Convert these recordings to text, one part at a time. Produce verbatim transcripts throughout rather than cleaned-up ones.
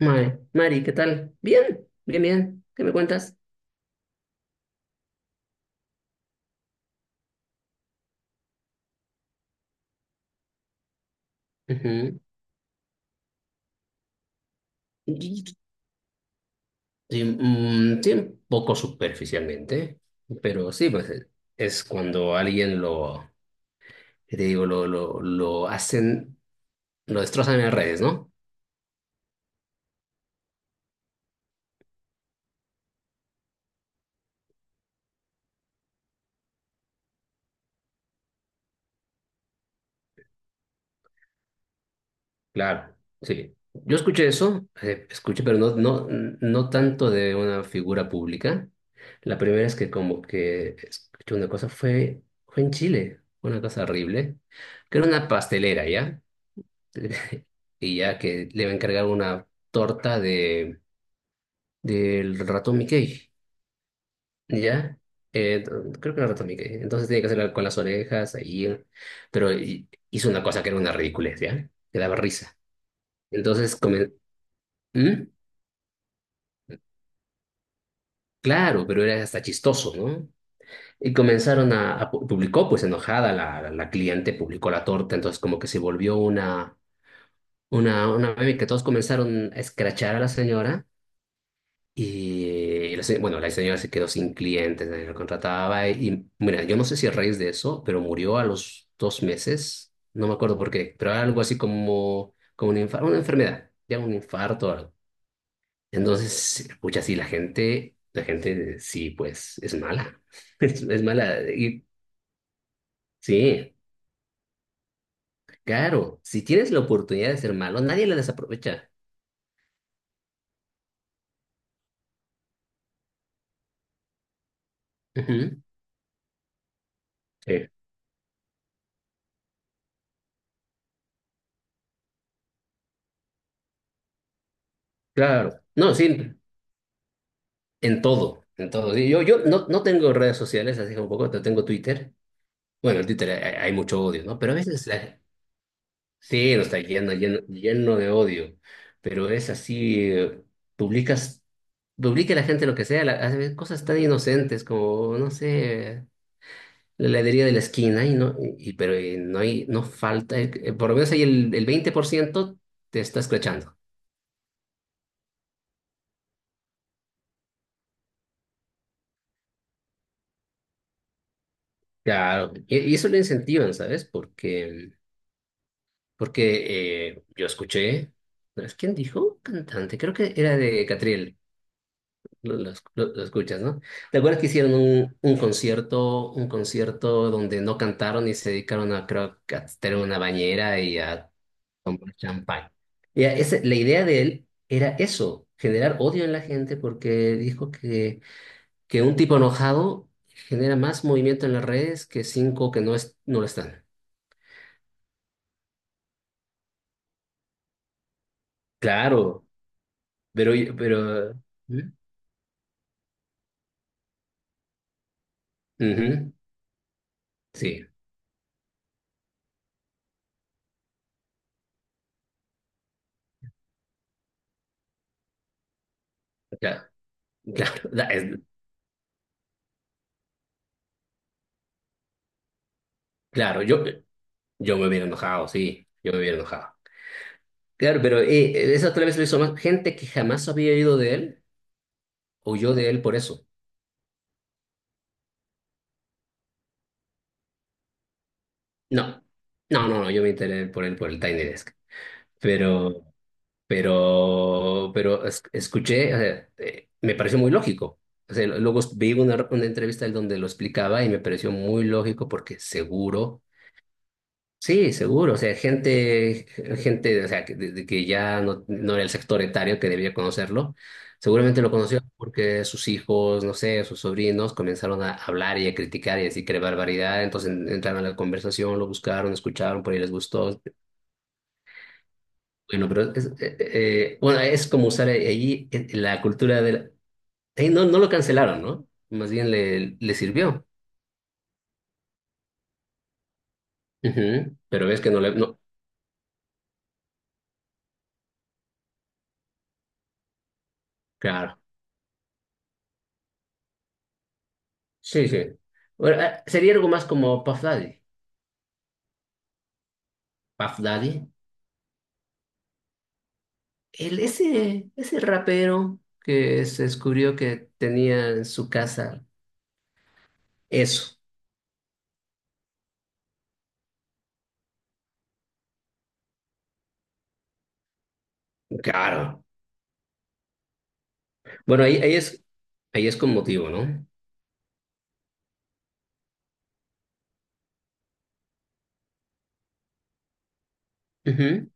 Mari, Mari, ¿qué tal? Bien, bien, bien. ¿Qué me cuentas? Ujú. Y- Sí, mm, sí, un poco superficialmente, pero sí, pues eh, es cuando alguien lo, ¿qué te digo, lo, lo, lo hacen, lo destrozan en las redes, ¿no? Claro, sí. Yo escuché eso, eh, escuché, pero no, no, no tanto de una figura pública. La primera es que como que escuché una cosa fue, fue en Chile, una cosa horrible, que era una pastelera, ¿ya? Y ya que le va a encargar una torta de del ratón Mickey, ¿ya? Eh, creo que no era el ratón Mickey. Entonces tiene que hacerla con las orejas ahí, pero hi- hizo una cosa que era una ridiculez, ¿ya? Que daba risa. Entonces, comen-. ¿Mm? Claro, pero era hasta chistoso, ¿no? Y comenzaron a, a pu- publicó, pues enojada la, la, la cliente, publicó la torta, entonces como que se volvió una, una, una meme que todos comenzaron a escrachar a la señora. Y la se- bueno, la señora se quedó sin clientes, nadie la contrataba. Y, y, mira, yo no sé si a raíz de eso, pero murió a los dos meses, no me acuerdo por qué, pero algo así como, como un infar- una enfermedad, ya un infarto o algo. Entonces, escucha, sí, la gente, la gente sí, pues es mala, es, es mala. Y sí, claro, si tienes la oportunidad de ser malo, nadie la desaprovecha. Ujú. Sí, claro. No, sí, en todo, en todo. Sí, Yo, yo no, no tengo redes sociales, así como poco, no tengo Twitter. Bueno, en Twitter hay, hay mucho odio, ¿no? Pero a veces la- sí, no está lleno, lleno, lleno de odio. Pero es así, eh, publicas, publica la gente lo que sea, la- hace cosas tan inocentes como, no sé, la heladería de la esquina, y no, y, pero eh, no hay, no falta, eh, eh, por lo menos ahí el, el veinte por ciento te está escrachando. Claro, y, y eso lo incentivan, ¿sabes? Porque... porque eh, yo escuché, ¿no es quién dijo? Cantante, creo que era de Catriel, lo, lo esc- lo- lo escuchas, ¿no? ¿Te acuerdas que hicieron un, un concierto, un concierto donde no cantaron y se dedicaron a, creo, que a estar una bañera y a tomar champán? Y a ese- la idea de él era eso, generar odio en la gente porque dijo que, que un tipo enojado genera más movimiento en las redes que cinco que no, es, no lo están. Claro, pero... pero ¿Mm? Ujú. Sí, claro, claro, da- es- claro, yo, yo me hubiera enojado, sí, yo me hubiera enojado. Claro, pero eh, esa otra vez lo hizo más gente que jamás había ido de él, o yo de él por eso. No, no, no, no, yo me enteré por él por el Tiny Desk. Pero, pero, pero es- escuché, o sea, eh, me pareció muy lógico. O sea, luego vi una, una entrevista en donde lo explicaba y me pareció muy lógico porque seguro. Sí, seguro, o sea, gente, gente, o sea, que, de- de que ya no, no era el sector etario que debía conocerlo, seguramente lo conoció porque sus hijos, no sé, sus sobrinos comenzaron a hablar y a criticar y a decir que era barbaridad, entonces en- entraron a la conversación, lo buscaron, escucharon, por ahí les gustó. Bueno, pero es, eh, eh, bueno, es como usar allí la cultura del... ahí no, no lo cancelaron, ¿no? Más bien le, le sirvió. Ujú. Pero ves que no le... No, claro, sí, sí. Bueno, eh, sería algo más como Puff Daddy. Puff Daddy, el, ese, ese rapero que se descubrió que tenía en su casa eso, claro. Bueno, ahí, ahí es, ahí es con motivo, ¿no? Ujú.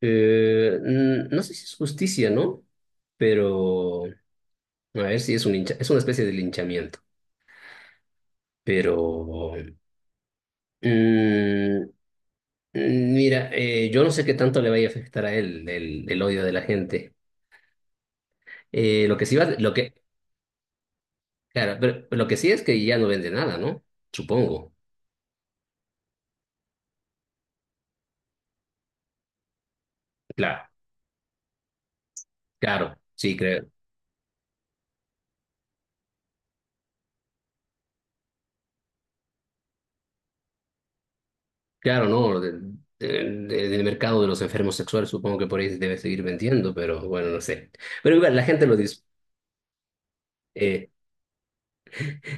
Eh, n- no sé si es justicia, ¿no? Pero, a ver si es un hincha- es una especie de linchamiento. Pero, mm, mm, mira, eh, yo no sé qué tanto le vaya a afectar a él el, el odio de la gente. Eh, lo que sí va, lo que, claro, pero pero lo que sí es que ya no vende nada, ¿no? Supongo. Claro, claro, sí, creo. Claro, no, de- de- de- del mercado de los enfermos sexuales supongo que por ahí debe seguir vendiendo, pero bueno, no sé. Pero igual, la gente lo dice. Eh,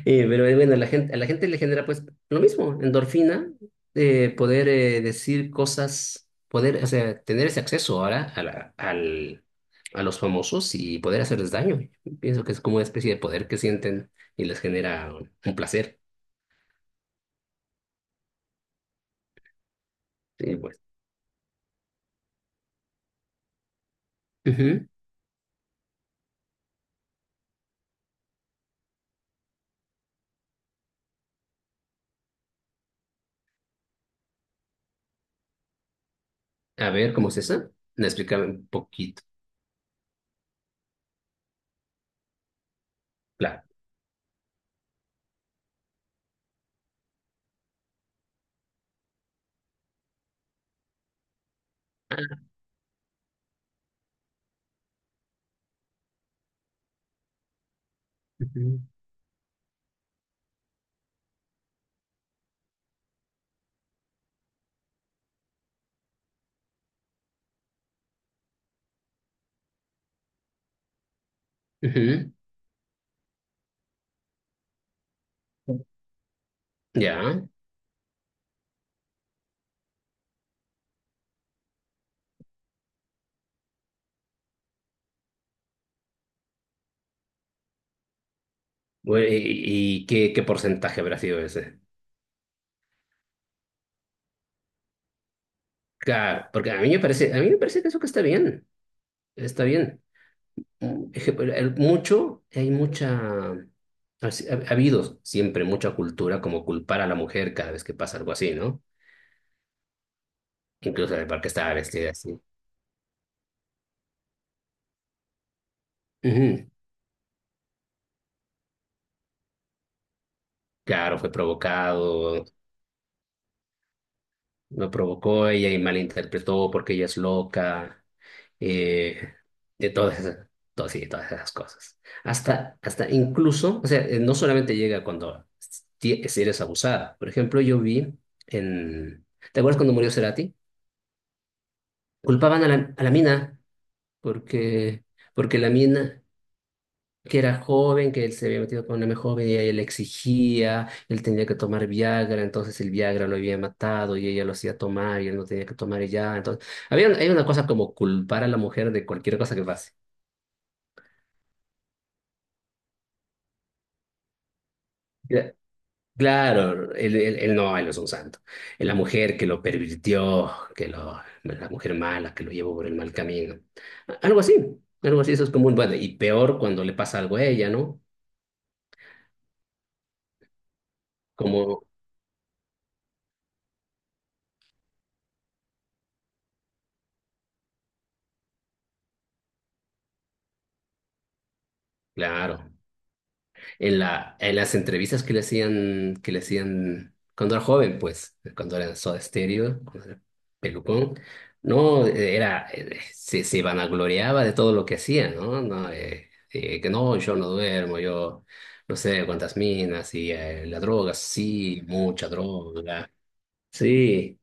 eh, pero eh, bueno, la gente, a la gente le genera pues lo mismo, endorfina, eh, poder eh, decir cosas, poder, o sea, tener ese acceso ahora a la, al, a los famosos y poder hacerles daño. Pienso que es como una especie de poder que sienten y les genera un placer. Sí, pues. Ujú. A ver, ¿cómo es esa? No, explícame un poquito. Claro. Ah, ujú, ujú. Ya. Bueno, ¿y, y qué, qué porcentaje habrá sido ese? Claro, porque a mí me parece, a mí me parece que eso que está bien. Está bien. Mm. Eje- el- Mucho, hay mucha. Ha si- ha- ha habido siempre mucha cultura como culpar a la mujer cada vez que pasa algo así, ¿no? Incluso el parque estaba vestida así. Ujú. Claro, fue provocado. Lo provocó ella y malinterpretó porque ella es loca, eh, de todas esas, to- sí, de todas esas cosas. Hasta, hasta incluso, o sea, eh, no solamente llega cuando ti- si eres abusada. Por ejemplo, yo vi en... ¿Te acuerdas cuando murió Cerati? Culpaban a la, a la mina porque, porque la mina que era joven, que él se había metido con una joven y ella le exigía, él tenía que tomar Viagra, entonces el Viagra lo había matado y ella lo hacía tomar y él no tenía que tomar y ya. Entonces, había, hay una cosa como culpar a la mujer de cualquier cosa que pase. Cla- Claro, él, él, él no, él no es un santo. Es la mujer que lo pervirtió, que lo, la mujer mala que lo llevó por el mal camino. A- Algo así, algo así, eso es común. Bueno, y peor cuando le pasa algo a ella, ¿no? Como, claro. En la, en las entrevistas que le hacían, que le hacían cuando era joven, pues, cuando era en Soda Stereo, cuando era pelucón, no. Eh, era, eh, se, se vanagloriaba de todo lo que hacía, ¿no? No, eh, eh, que no, yo no duermo, yo no sé cuántas minas y eh, la droga, sí, mucha droga, sí.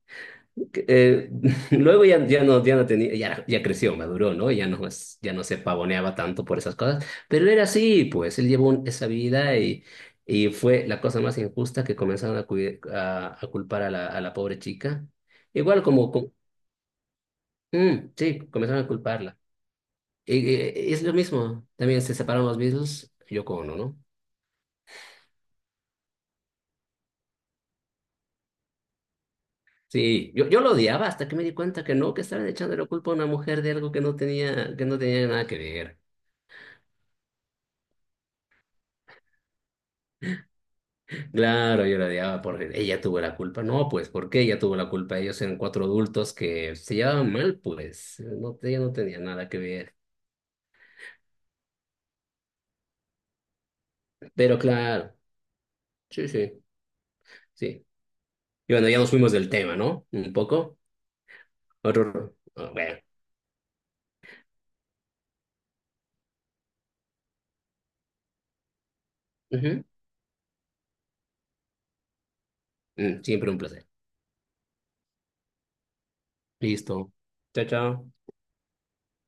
Eh, luego ya, ya no, ya no tenía, ya, era- ya creció, maduró, ¿no? Ya no, es- ya no se pavoneaba tanto por esas cosas, pero era así, pues, él llevó un- esa vida y, y fue la cosa más injusta que comenzaron a, cuide- a, a culpar a la, a la pobre chica. Igual como, como- mm, sí, comenzaron a culparla. Y, y- y es lo mismo, también se separaron los mismos, yo con uno, ¿no? Sí, yo, yo lo odiaba hasta que me di cuenta que no, que estaban echando la culpa a una mujer de algo que no tenía, que no tenía nada que ver. Claro, yo la odiaba por ella tuvo la culpa. No, pues, ¿por qué ella tuvo la culpa? Ellos eran cuatro adultos que se llevaban mal, pues. eh, No, ella no tenía nada que ver. Pero claro, sí, sí, sí. Y bueno, ya nos fuimos del tema, ¿no? Un poco. Otro. ah, Bueno. Ujú. Mm, Siempre un placer. Listo. Chao, chao.